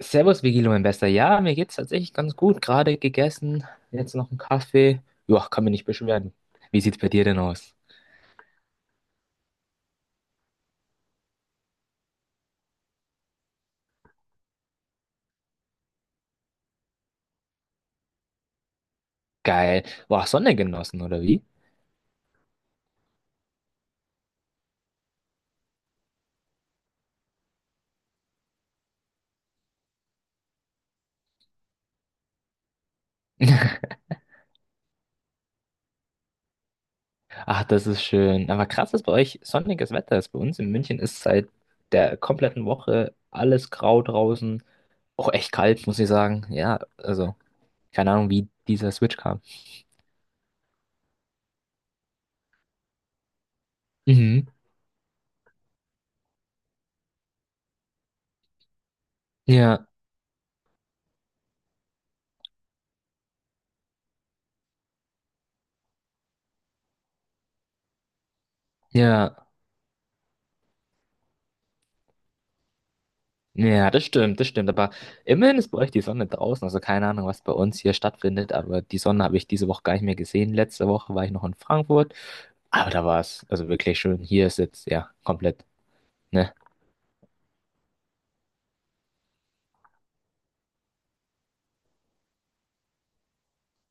Servus, Vigilo, mein Bester. Ja, mir geht's tatsächlich ganz gut. Gerade gegessen, jetzt noch einen Kaffee. Ja, kann mich nicht beschweren. Wie sieht's bei dir denn aus? Geil. Boah, Sonne genossen, oder wie? Ach, das ist schön. Aber krass, dass bei euch sonniges Wetter ist. Bei uns in München ist seit der kompletten Woche alles grau draußen. Auch echt kalt, muss ich sagen. Ja, also, keine Ahnung, wie dieser Switch kam. Mhm. Ja, ja. Ja, das stimmt, das stimmt. Aber immerhin ist bei euch die Sonne draußen. Also keine Ahnung, was bei uns hier stattfindet. Aber die Sonne habe ich diese Woche gar nicht mehr gesehen. Letzte Woche war ich noch in Frankfurt. Aber da war es also wirklich schön. Hier ist jetzt, ja, komplett, ne?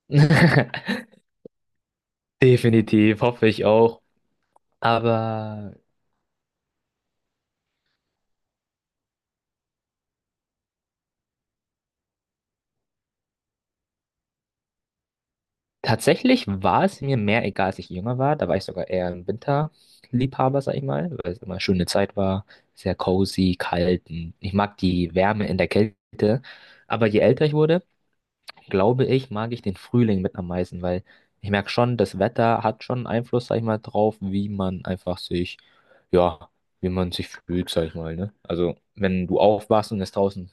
Definitiv, hoffe ich auch. Aber tatsächlich war es mir mehr egal, als ich jünger war. Da war ich sogar eher ein Winterliebhaber, sag ich mal, weil es immer eine schöne Zeit war. Sehr cozy, kalt. Und ich mag die Wärme in der Kälte. Aber je älter ich wurde, glaube ich, mag ich den Frühling mit am meisten, weil ich merke schon, das Wetter hat schon Einfluss, sag ich mal, drauf, wie man einfach sich, ja, wie man sich fühlt, sag ich mal, ne? Also, wenn du aufwachst und es draußen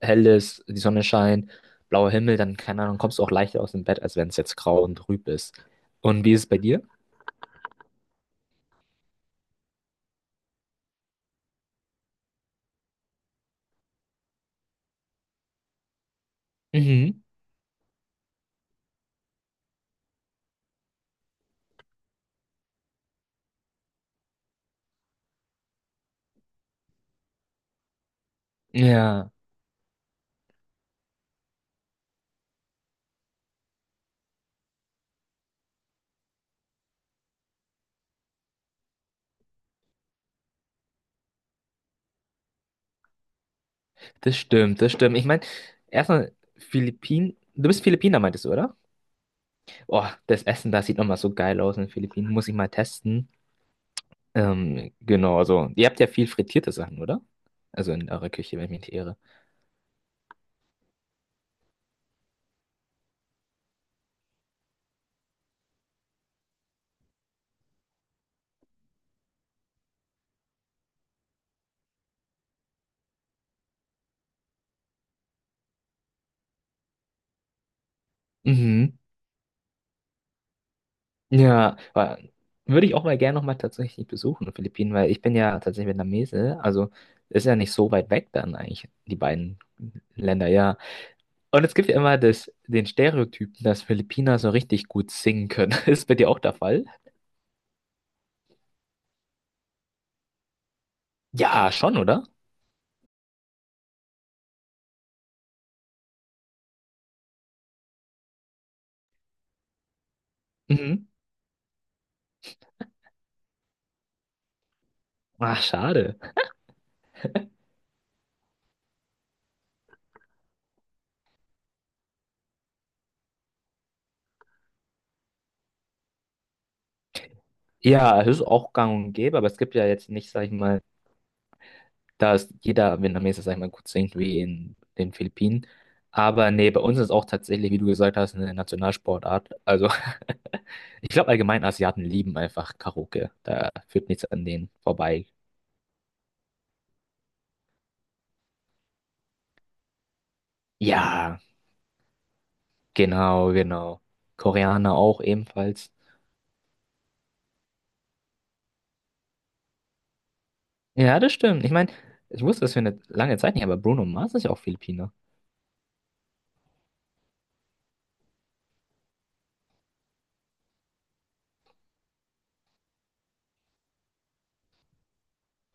hell ist, die Sonne scheint, blauer Himmel, dann, keine Ahnung, kommst du auch leichter aus dem Bett, als wenn es jetzt grau und trüb ist. Und wie ist es bei dir? Mhm. Ja, das stimmt, das stimmt. Ich meine, erstmal Philippinen. Du bist Philippiner, meintest du, oder? Oh, das Essen da sieht nochmal so geil aus in den Philippinen. Muss ich mal testen. Genau, also ihr habt ja viel frittierte Sachen, oder? Also in eurer Küche, wenn ich mich nicht irre. Mhm. Ja, aber würde ich auch mal gerne nochmal tatsächlich besuchen, die Philippinen, weil ich bin ja tatsächlich Vietnamese, also ist ja nicht so weit weg dann eigentlich, die beiden Länder, ja. Und es gibt ja immer das, den Stereotyp, dass Philippiner so richtig gut singen können. Ist bei dir auch der Fall? Ja, schon, oder? Mhm. Ach, schade. Ja, es ist auch gang und gäbe, aber es gibt ja jetzt nicht, sag ich mal, da ist jeder Vietnameser, sag ich mal, gut singt wie in den Philippinen. Aber nee, bei uns ist es auch tatsächlich, wie du gesagt hast, eine Nationalsportart. Also ich glaube allgemein, Asiaten lieben einfach Karaoke. Da führt nichts an denen vorbei. Ja, genau, genau. Koreaner auch ebenfalls. Ja, das stimmt. Ich meine, ich wusste das für eine lange Zeit nicht, aber Bruno Mars ist ja auch Philippiner.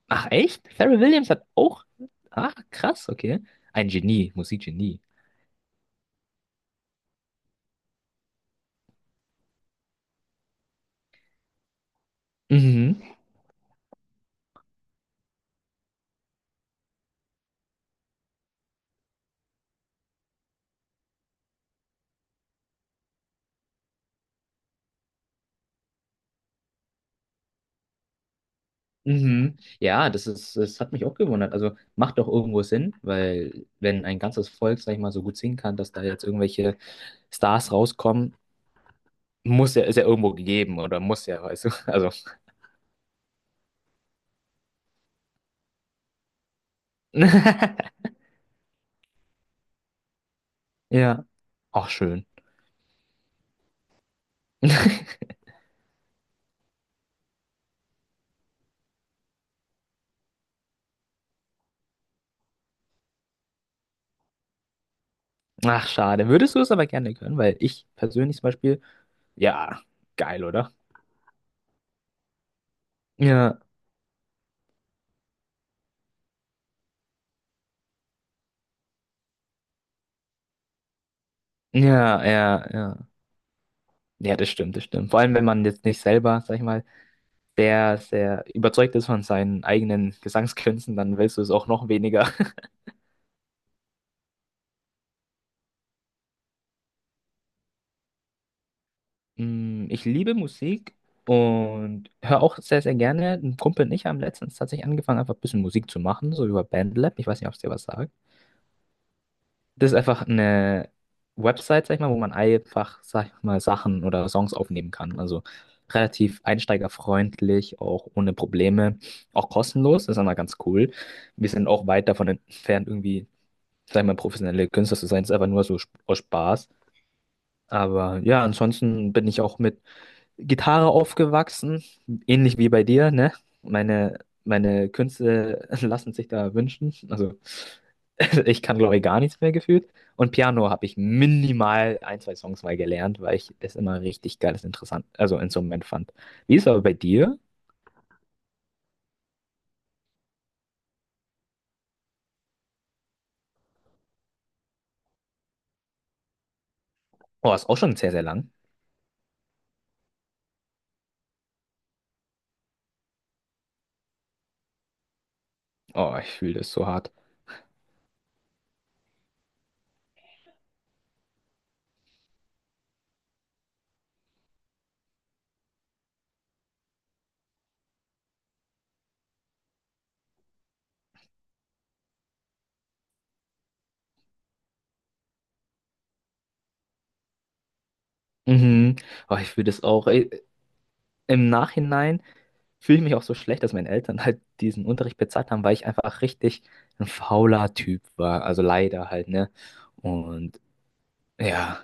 Ach, echt? Pharrell Williams hat auch. Ach, krass, okay. Ein Genie, Musikgenie. Mhm. Mhm. Ja, das ist, das hat mich auch gewundert. Also macht doch irgendwo Sinn, weil wenn ein ganzes Volk, sag ich mal, so gut singen kann, dass da jetzt irgendwelche Stars rauskommen, muss ja, ist ja irgendwo gegeben oder muss ja, weißt du. Also. Ja, auch schön. Ach, schade. Würdest du es aber gerne können, weil ich persönlich zum Beispiel, ja, geil, oder? Ja, ja, ja, ja. Ja, das stimmt, das stimmt. Vor allem, wenn man jetzt nicht selber, sag ich mal, sehr, sehr überzeugt ist von seinen eigenen Gesangskünsten, dann willst du es auch noch weniger. Ich liebe Musik und höre auch sehr, sehr gerne. Ein Kumpel und ich haben letztens tatsächlich angefangen, einfach ein bisschen Musik zu machen, so über Bandlab. Ich weiß nicht, ob es dir was sagt. Das ist einfach eine Website, sag ich mal, wo man einfach, sag ich mal, Sachen oder Songs aufnehmen kann. Also relativ einsteigerfreundlich, auch ohne Probleme, auch kostenlos. Das ist immer ganz cool. Wir sind auch weit davon entfernt, irgendwie sag ich mal, professionelle Künstler zu sein, ist einfach nur so aus Spaß. Aber ja, ansonsten bin ich auch mit Gitarre aufgewachsen, ähnlich wie bei dir, ne? Meine, meine Künste lassen sich da wünschen. Also ich kann, glaube ich, gar nichts mehr gefühlt. Und Piano habe ich minimal ein, zwei Songs mal gelernt, weil ich das immer richtig geiles, interessant, also Instrument fand. Wie ist es aber bei dir? Oh, ist auch schon sehr, sehr lang. Oh, ich fühle das so hart. Mhm. Oh, ich fühle das auch. Ey, im Nachhinein fühle ich mich auch so schlecht, dass meine Eltern halt diesen Unterricht bezahlt haben, weil ich einfach richtig ein fauler Typ war. Also leider halt, ne? Und ja,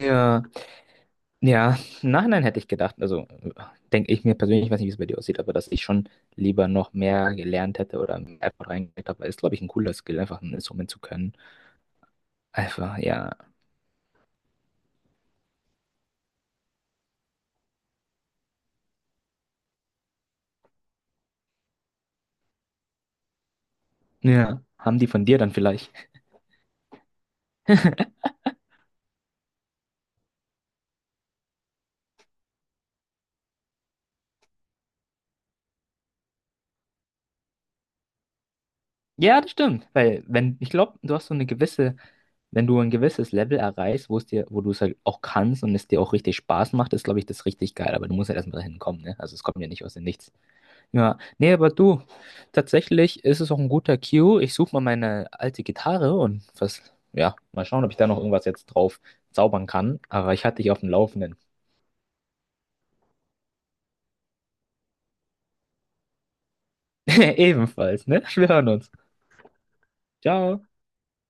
ja, ja, im Nachhinein hätte ich gedacht, also denke ich mir persönlich, ich weiß nicht, wie es bei dir aussieht, aber dass ich schon lieber noch mehr gelernt hätte oder mehr Effort reingesteckt habe, weil es, glaube ich, ein cooler Skill, einfach ein Instrument zu können. Einfach, ja. Ja. Haben die von dir dann vielleicht? Ja, das stimmt. Weil, wenn, ich glaube, du hast so eine gewisse, wenn du ein gewisses Level erreichst, wo es dir, wo du es halt auch kannst und es dir auch richtig Spaß macht, ist, glaube ich, das richtig geil. Aber du musst halt erstmal dahin kommen, ne? Also es kommt ja nicht aus dem Nichts. Ja. Nee, aber du, tatsächlich ist es auch ein guter Cue. Ich suche mal meine alte Gitarre und was, ja, mal schauen, ob ich da noch irgendwas jetzt drauf zaubern kann. Aber ich hatte dich auf dem Laufenden. Ebenfalls, ne? Wir hören uns. Ciao.